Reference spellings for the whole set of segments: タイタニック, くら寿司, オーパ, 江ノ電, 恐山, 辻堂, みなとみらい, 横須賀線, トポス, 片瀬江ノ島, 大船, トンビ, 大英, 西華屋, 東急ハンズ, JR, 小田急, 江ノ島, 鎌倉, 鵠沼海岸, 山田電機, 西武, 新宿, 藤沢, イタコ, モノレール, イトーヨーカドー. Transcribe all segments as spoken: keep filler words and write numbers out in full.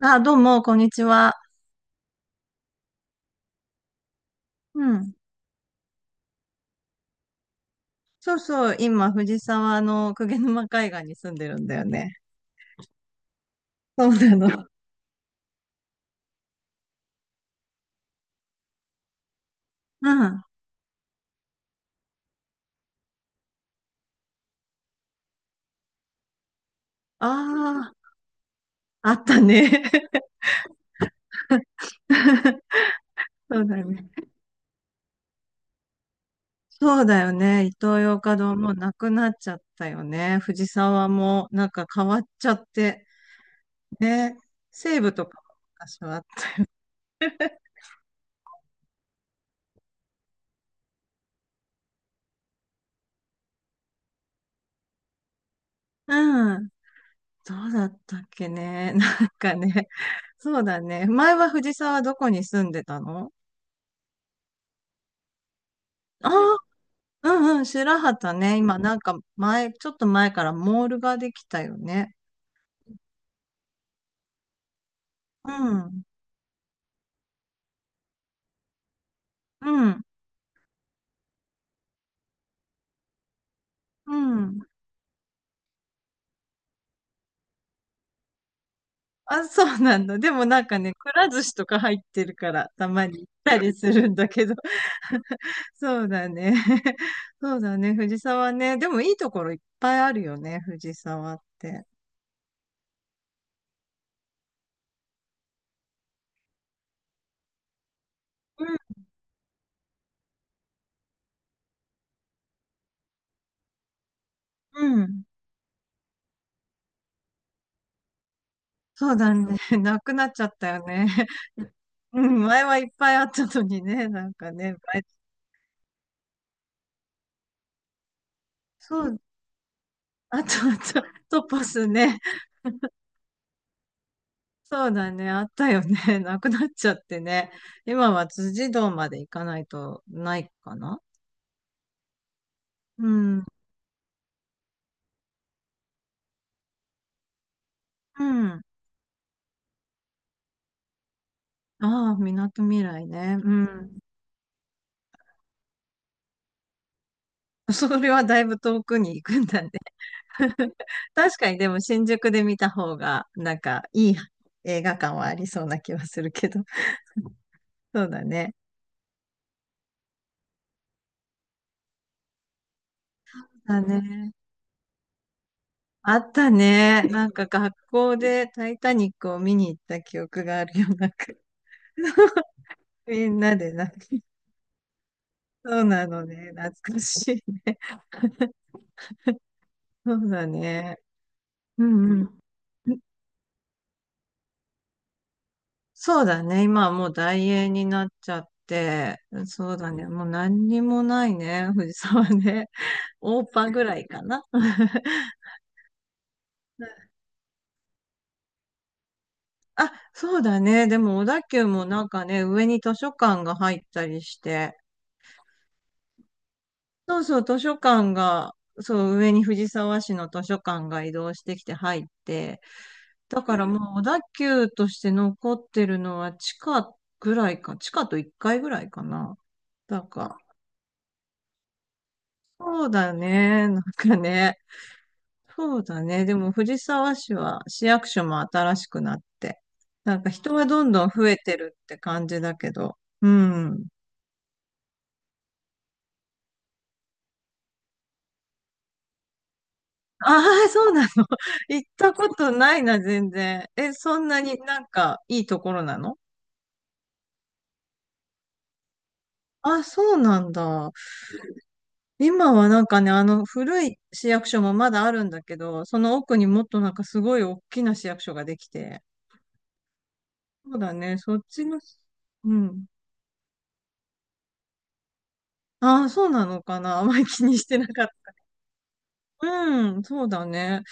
あ、どうも、こんにちは。うん。そうそう、今、藤沢の鵠沼海岸に住んでるんだよね。そうなの。うん。ああ、あったね。そうだね。そうだよね。イトーヨーカドーもうなくなっちゃったよね。藤沢もなんか変わっちゃって。ね。西武とかも昔はあった。うん。どうだったっけね。なんかね。そうだね。前は藤沢どこに住んでたの？ああー、うんうん、白旗ね。今なんか前、ちょっと前からモールができたよね。うん、うん、うん。あ、そうなんだ。でもなんかね、くら寿司とか入ってるから、たまに行ったりするんだけど。そうだね。そうだね、藤沢ね。でもいいところいっぱいあるよね、藤沢って。うん、うん。そうだね。なくなっちゃったよね。うん、前はいっぱいあったのにね、なんかね。前そう、あと、あと、トポスね。そうだね、あったよね。なくなっちゃってね。今は辻堂まで行かないとないかな。うん。うん。ああ、みなとみらいね。うん。それはだいぶ遠くに行くんだね。確かにでも新宿で見た方が、なんかいい映画館はありそうな気はするけど。そうだね。だね。あったね。なんか学校でタイタニックを見に行った記憶があるよ。なんかみんなでなんか、そうなのね。懐かしいね。そうだね。うんうん。そうだね。今はもう大英になっちゃって、そうだね。もう何にもないね。藤沢ね。オーパぐらいかな。あ、そうだね。でも小田急もなんかね、上に図書館が入ったりして、そうそう、図書館が、そう、上に藤沢市の図書館が移動してきて入って、だからもう小田急として残ってるのは地下ぐらいか、地下といっかいぐらいかな。だから、そうだね、なんかね、そうだね、でも藤沢市は市役所も新しくなって、なんか人はどんどん増えてるって感じだけど、うん。ああ、そうなの。行ったことないな、全然。え、そんなになんかいいところなの？あ、そうなんだ。今はなんかね、あの古い市役所もまだあるんだけど、その奥にもっとなんかすごい大きな市役所ができて。そうだね、そっちの、うん。ああ、そうなのかな。あまり気にしてなかった。うん、そうだね。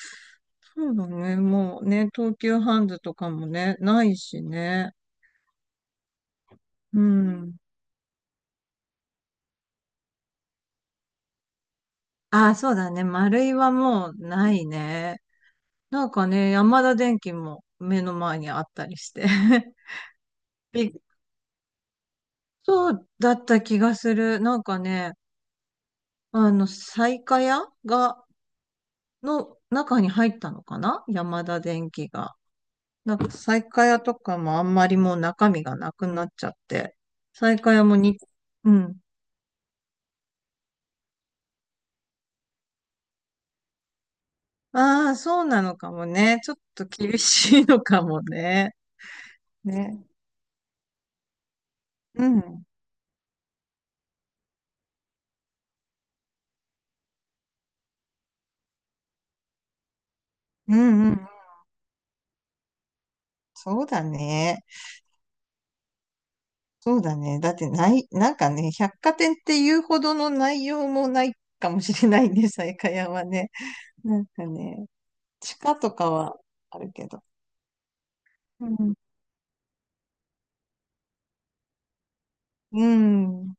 そうだね。もうね、東急ハンズとかもね、ないしね。うん。ああ、そうだね。丸いはもうないね。なんかね、山田電機も目の前にあったりして。びそうだった気がする。なんかね、あの、西華屋が、の中に入ったのかな山田電機が。なんか西華屋とかもあんまりもう中身がなくなっちゃって。西華屋もに、うん。ああ、そうなのかもね。ちょっと厳しいのかもね。ね。うん。うんうん。そうだね。そうだね。だってない、なんかね、百貨店っていうほどの内容もないかもしれないね、西下屋はね。なんかね、地下とかはあるけど。うん。うん。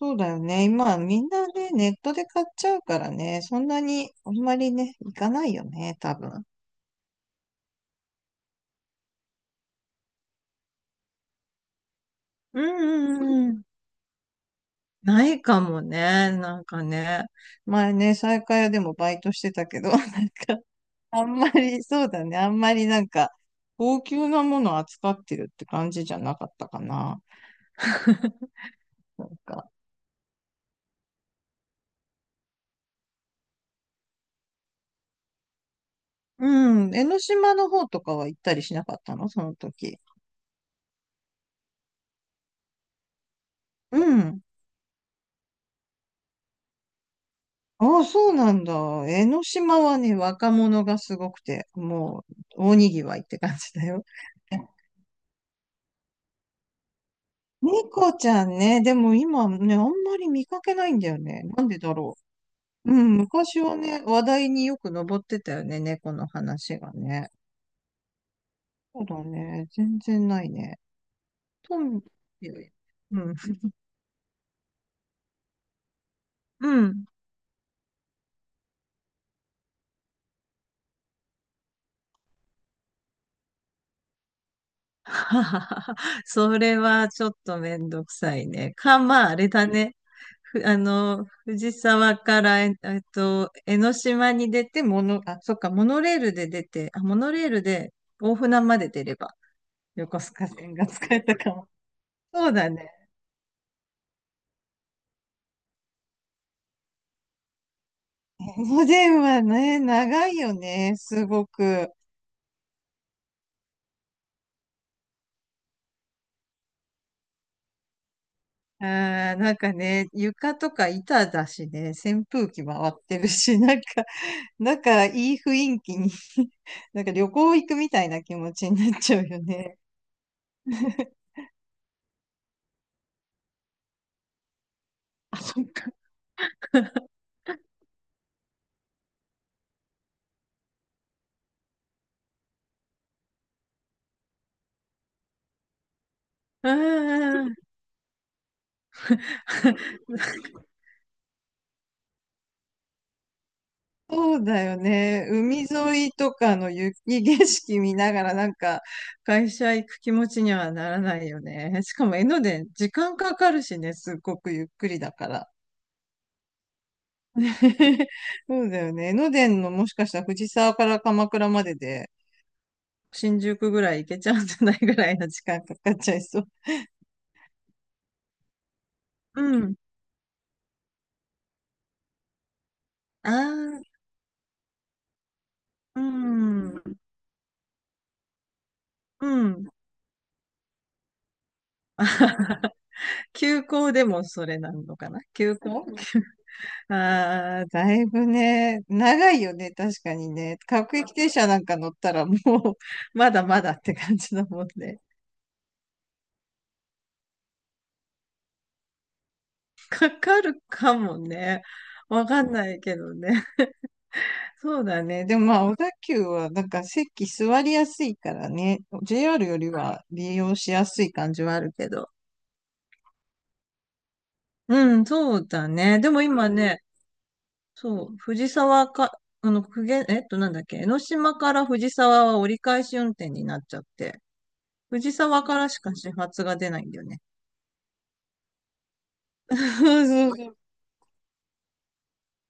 そうだよね。今、みんなね、ネットで買っちゃうからね、そんなに、あんまりね、行かないよね、多分。うんうんうん。ないかもね。なんかね。前ね、西下屋でもバイトしてたけど、なんか、あんまり、そうだね。あんまりなんか、高級なものを扱ってるって感じじゃなかったかな。なんか、うん。江ノ島の方とかは行ったりしなかったのその時。うん。ああ、そうなんだ。江ノ島はね、若者がすごくて、もう、大にぎわいって感じだよ。猫ちゃんね、でも今ね、あんまり見かけないんだよね。なんでだろう。うん、昔はね、話題によく上ってたよね、猫の話がね。そうだね、全然ないね。トンビっていう、うん。うん。それはちょっとめんどくさいね。か、まあ、あれだね。ふ、あの、藤沢から、え、えっと、江ノ島に出て、モノ、あ、そっか、モノレールで出て、あ、モノレールで大船まで出れば、横須賀線が使えたかも。そうだね。おでんはね、長いよね、すごく。あー、なんかね、床とか板だしね、扇風機回ってるし、なんかだからいい雰囲気に なんか旅行行くみたいな気持ちになっちゃうよね。あ、そっか。うんうんうん。そうだよね。海沿いとかの雪景色見ながらなんか会社行く気持ちにはならないよね。しかも江ノ電、時間かかるしね、すっごくゆっくりだから。そうだよね。江ノ電のもしかしたら藤沢から鎌倉までで新宿ぐらい行けちゃうんじゃないぐらいの時間かかっちゃいそう。うん。ああうん、うん。休校でもそれなのかな休校。ああー、だいぶね、長いよね、確かにね。各駅停車なんか乗ったらもう、まだまだって感じだもんね。かかるかもね。わかんないけどね。そうだね。でもまあ、小田急はなんか席座りやすいからね。ジェイアール よりは利用しやすい感じはあるけど。うん、そうだね。でも今ね、そう、藤沢か、あの、くげ、えっと、なんだっけ、江ノ島から藤沢は折り返し運転になっちゃって、藤沢からしか始発が出ないんだよね。そうそうそう。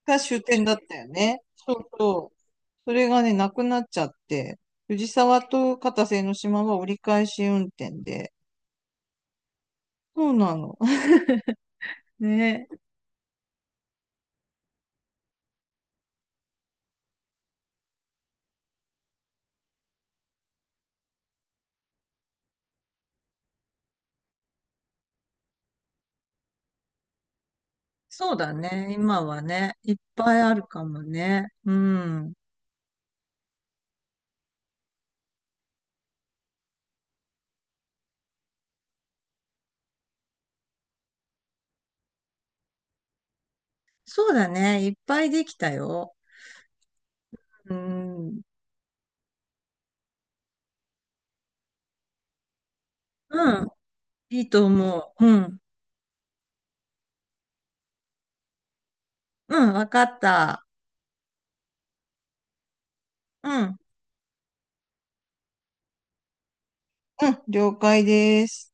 が終点だったよね。そうそう。それがね、なくなっちゃって、藤沢と片瀬江ノ島は折り返し運転で。そうなの。ね、そうだね、今はね、いっぱいあるかもね。うん。そうだね、いっぱいできたよ。うん。うん。いいと思う。うん。うん、わかった。うん。うん、了解です。